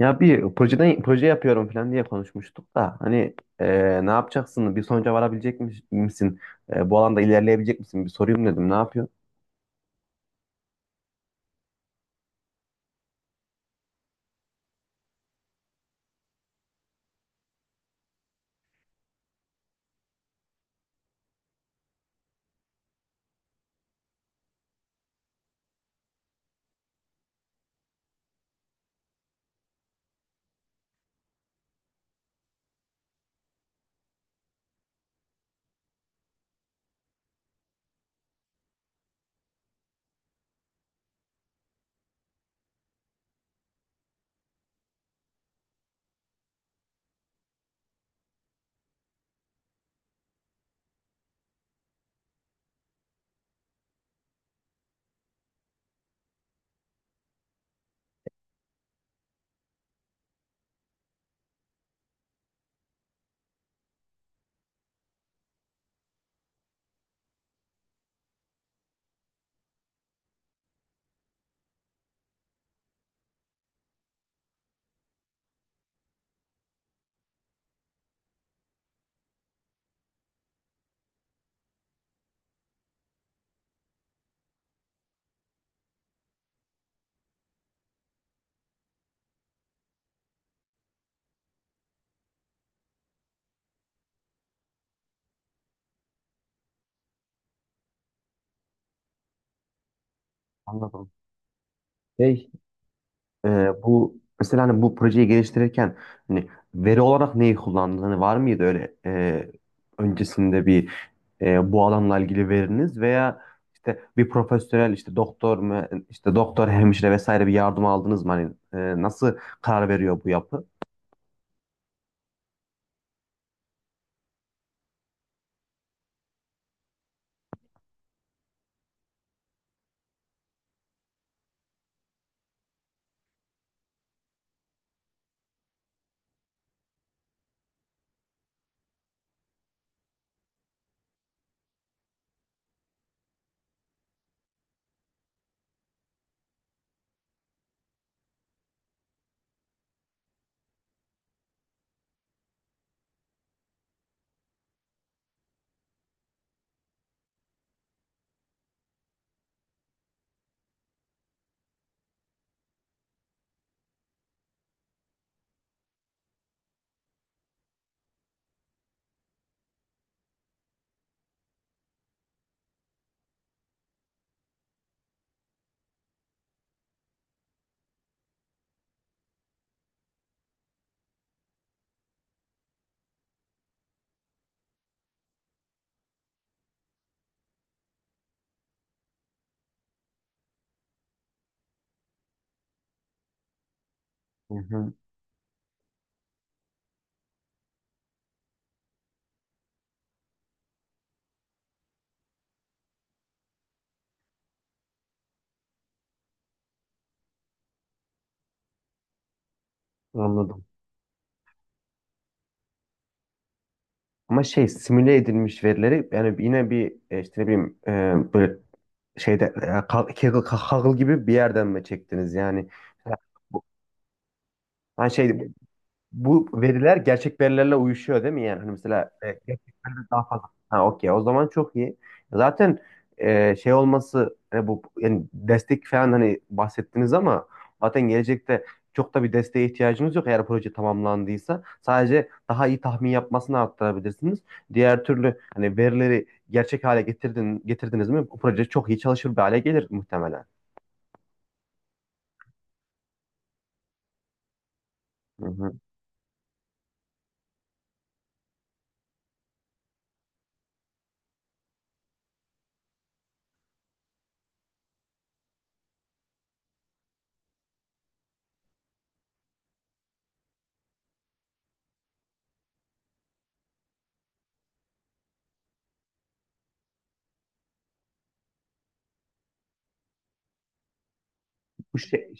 Ya bir projeden proje yapıyorum falan diye konuşmuştuk da hani ne yapacaksın? Bir sonuca varabilecek misin? Bu alanda ilerleyebilecek misin? Bir sorayım dedim. Ne yapıyor? Anladım. Şey, e, bu mesela hani bu projeyi geliştirirken hani veri olarak neyi kullandın? Hani var mıydı öyle öncesinde bir bu alanla ilgili veriniz veya işte bir profesyonel, işte doktor mu, işte doktor, hemşire vesaire, bir yardım aldınız mı? Hani nasıl karar veriyor bu yapı? Hı hı, anladım. Ama şey, simüle edilmiş verileri yani yine bir işte ne bileyim böyle şeyde Kaggle gibi bir yerden mi çektiniz yani? Ha, bu- hani şey, bu veriler gerçek verilerle uyuşuyor değil mi yani? Hani mesela daha fazla. Ha, okey. O zaman çok iyi. Zaten şey olması bu yani, destek falan hani bahsettiniz ama zaten gelecekte çok da bir desteğe ihtiyacınız yok, eğer proje tamamlandıysa. Sadece daha iyi tahmin yapmasını arttırabilirsiniz. Diğer türlü hani verileri gerçek hale getirdiniz mi, bu proje çok iyi çalışır bir hale gelir muhtemelen. Hı hı. Bu şey.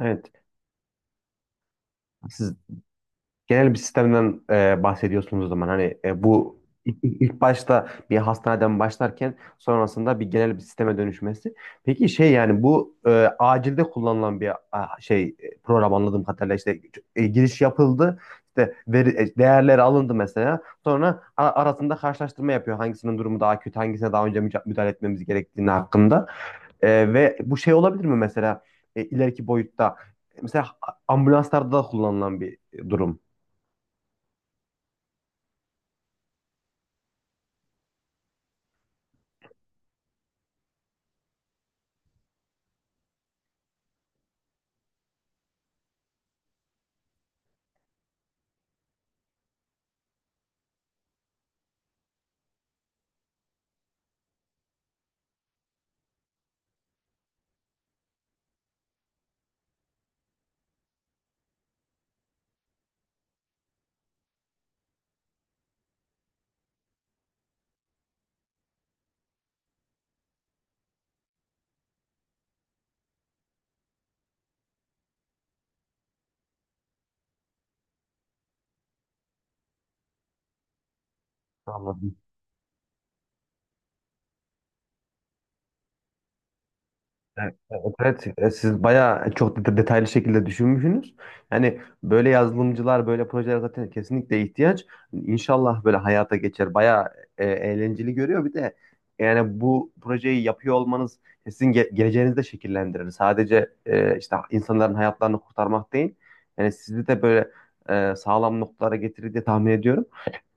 Evet. Siz genel bir sistemden bahsediyorsunuz o zaman. Hani bu ilk başta bir hastaneden başlarken sonrasında bir genel bir sisteme dönüşmesi. Peki şey, yani bu acilde kullanılan bir şey program, anladığım kadarıyla işte giriş yapıldı. İşte değerleri alındı mesela. Sonra arasında karşılaştırma yapıyor. Hangisinin durumu daha kötü, hangisine daha önce müdahale etmemiz gerektiğini hakkında. Ve bu şey olabilir mi mesela, ileriki boyutta mesela ambulanslarda da kullanılan bir durum. Anladım. Evet, evet, evet. Siz bayağı çok detaylı şekilde düşünmüşsünüz. Yani böyle yazılımcılar, böyle projeler zaten kesinlikle ihtiyaç. İnşallah böyle hayata geçer. Bayağı eğlenceli görüyor. Bir de yani, bu projeyi yapıyor olmanız sizin geleceğinizi de şekillendirir. Sadece işte insanların hayatlarını kurtarmak değil. Yani sizi de böyle sağlam noktalara getirir diye tahmin ediyorum.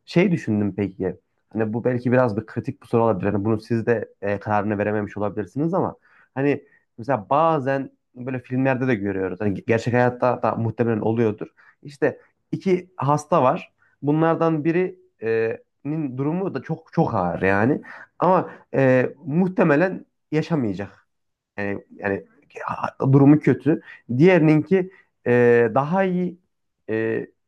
Şey düşündüm peki. Hani bu belki biraz bir kritik bir soru olabilir. Hani bunu siz de kararını verememiş olabilirsiniz ama hani mesela bazen böyle filmlerde de görüyoruz. Hani gerçek hayatta da muhtemelen oluyordur. İşte iki hasta var. Bunlardan biri nin durumu da çok çok ağır yani. Ama muhtemelen yaşamayacak. Yani, durumu kötü. Diğerininki daha iyi. E,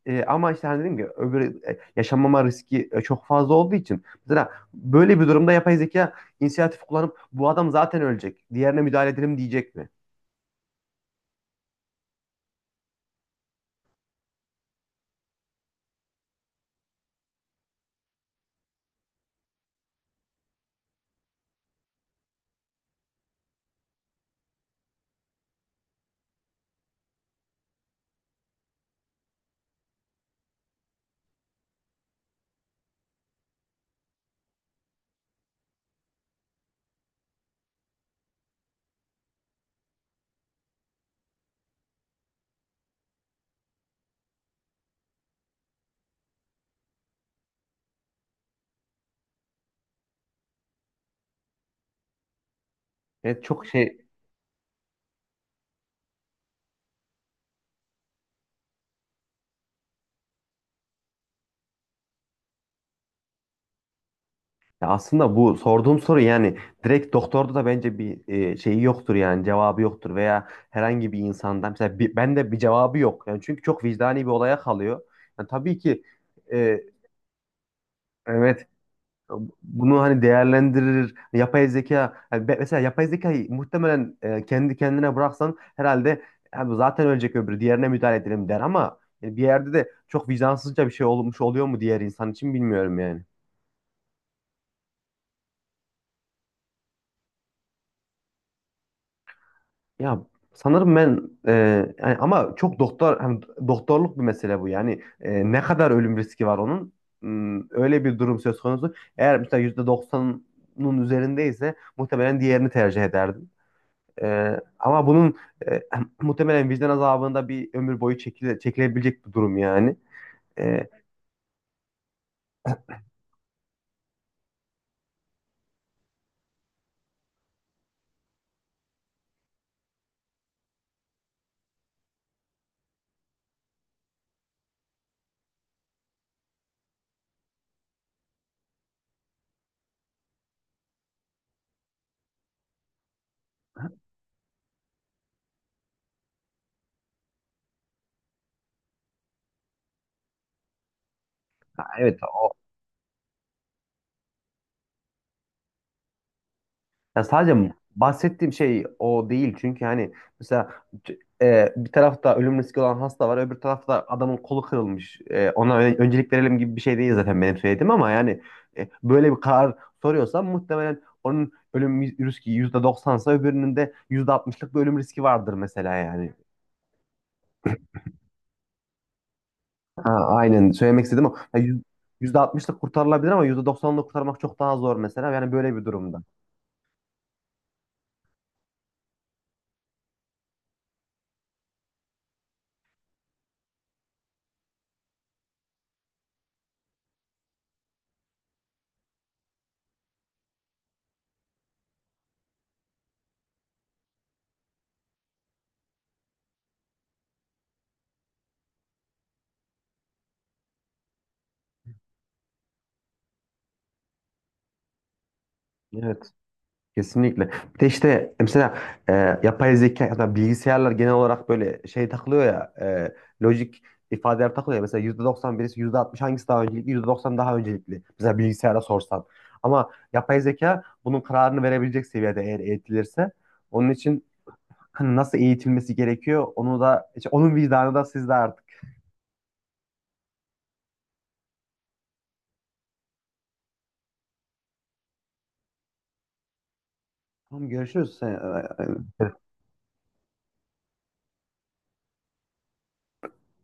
ama işte hani dedim ki, öbür yaşamama riski çok fazla olduğu için mesela böyle bir durumda yapay zeka inisiyatif kullanıp bu adam zaten ölecek. Diğerine müdahale edelim diyecek mi? Evet, çok şey ya, aslında bu sorduğum soru yani direkt doktorda da bence bir şeyi yoktur yani, cevabı yoktur veya herhangi bir insandan mesela, ben de bir cevabı yok. Yani çünkü çok vicdani bir olaya kalıyor. Yani tabii ki e, evet, bunu hani değerlendirir. Yapay zeka yani, mesela yapay zekayı muhtemelen kendi kendine bıraksan herhalde, "Abi zaten ölecek öbürü, diğerine müdahale edelim," der, ama bir yerde de çok vicdansızca bir şey olmuş oluyor mu diğer insan için, bilmiyorum yani. Ya, sanırım ben yani, ama çok doktor hani, doktorluk bir mesele bu yani. Ne kadar ölüm riski var onun? Öyle bir durum söz konusu. Eğer mesela %90'ın üzerindeyse muhtemelen diğerini tercih ederdim. Ama bunun e, muhtemelen vicdan azabında bir ömür boyu çekilebilecek bir durum yani. Ee, ha, evet, o ya, sadece bahsettiğim şey o değil çünkü hani mesela bir tarafta ölüm riski olan hasta var, öbür tarafta adamın kolu kırılmış. Ona öncelik verelim gibi bir şey değil zaten benim söylediğim ama yani böyle bir karar soruyorsam, muhtemelen onun ölüm riski %90'sa öbürünün de %60'lık bir ölüm riski vardır mesela yani. Ha, aynen, söylemek istedim o ya, %60'lık kurtarılabilir ama %90'lık kurtarmak çok daha zor mesela. Yani böyle bir durumda. Evet. Kesinlikle. Bir de işte mesela e, yapay zeka ya da bilgisayarlar genel olarak böyle şey takılıyor ya, lojik ifadeler takılıyor ya. Mesela %90 birisi, %60 hangisi daha öncelikli? %90 daha öncelikli, mesela, bilgisayara sorsan. Ama yapay zeka bunun kararını verebilecek seviyede eğer eğitilirse. Onun için hani nasıl eğitilmesi gerekiyor, onu da işte, onun vicdanı da sizde artık. Tamam, görüşürüz. E, e,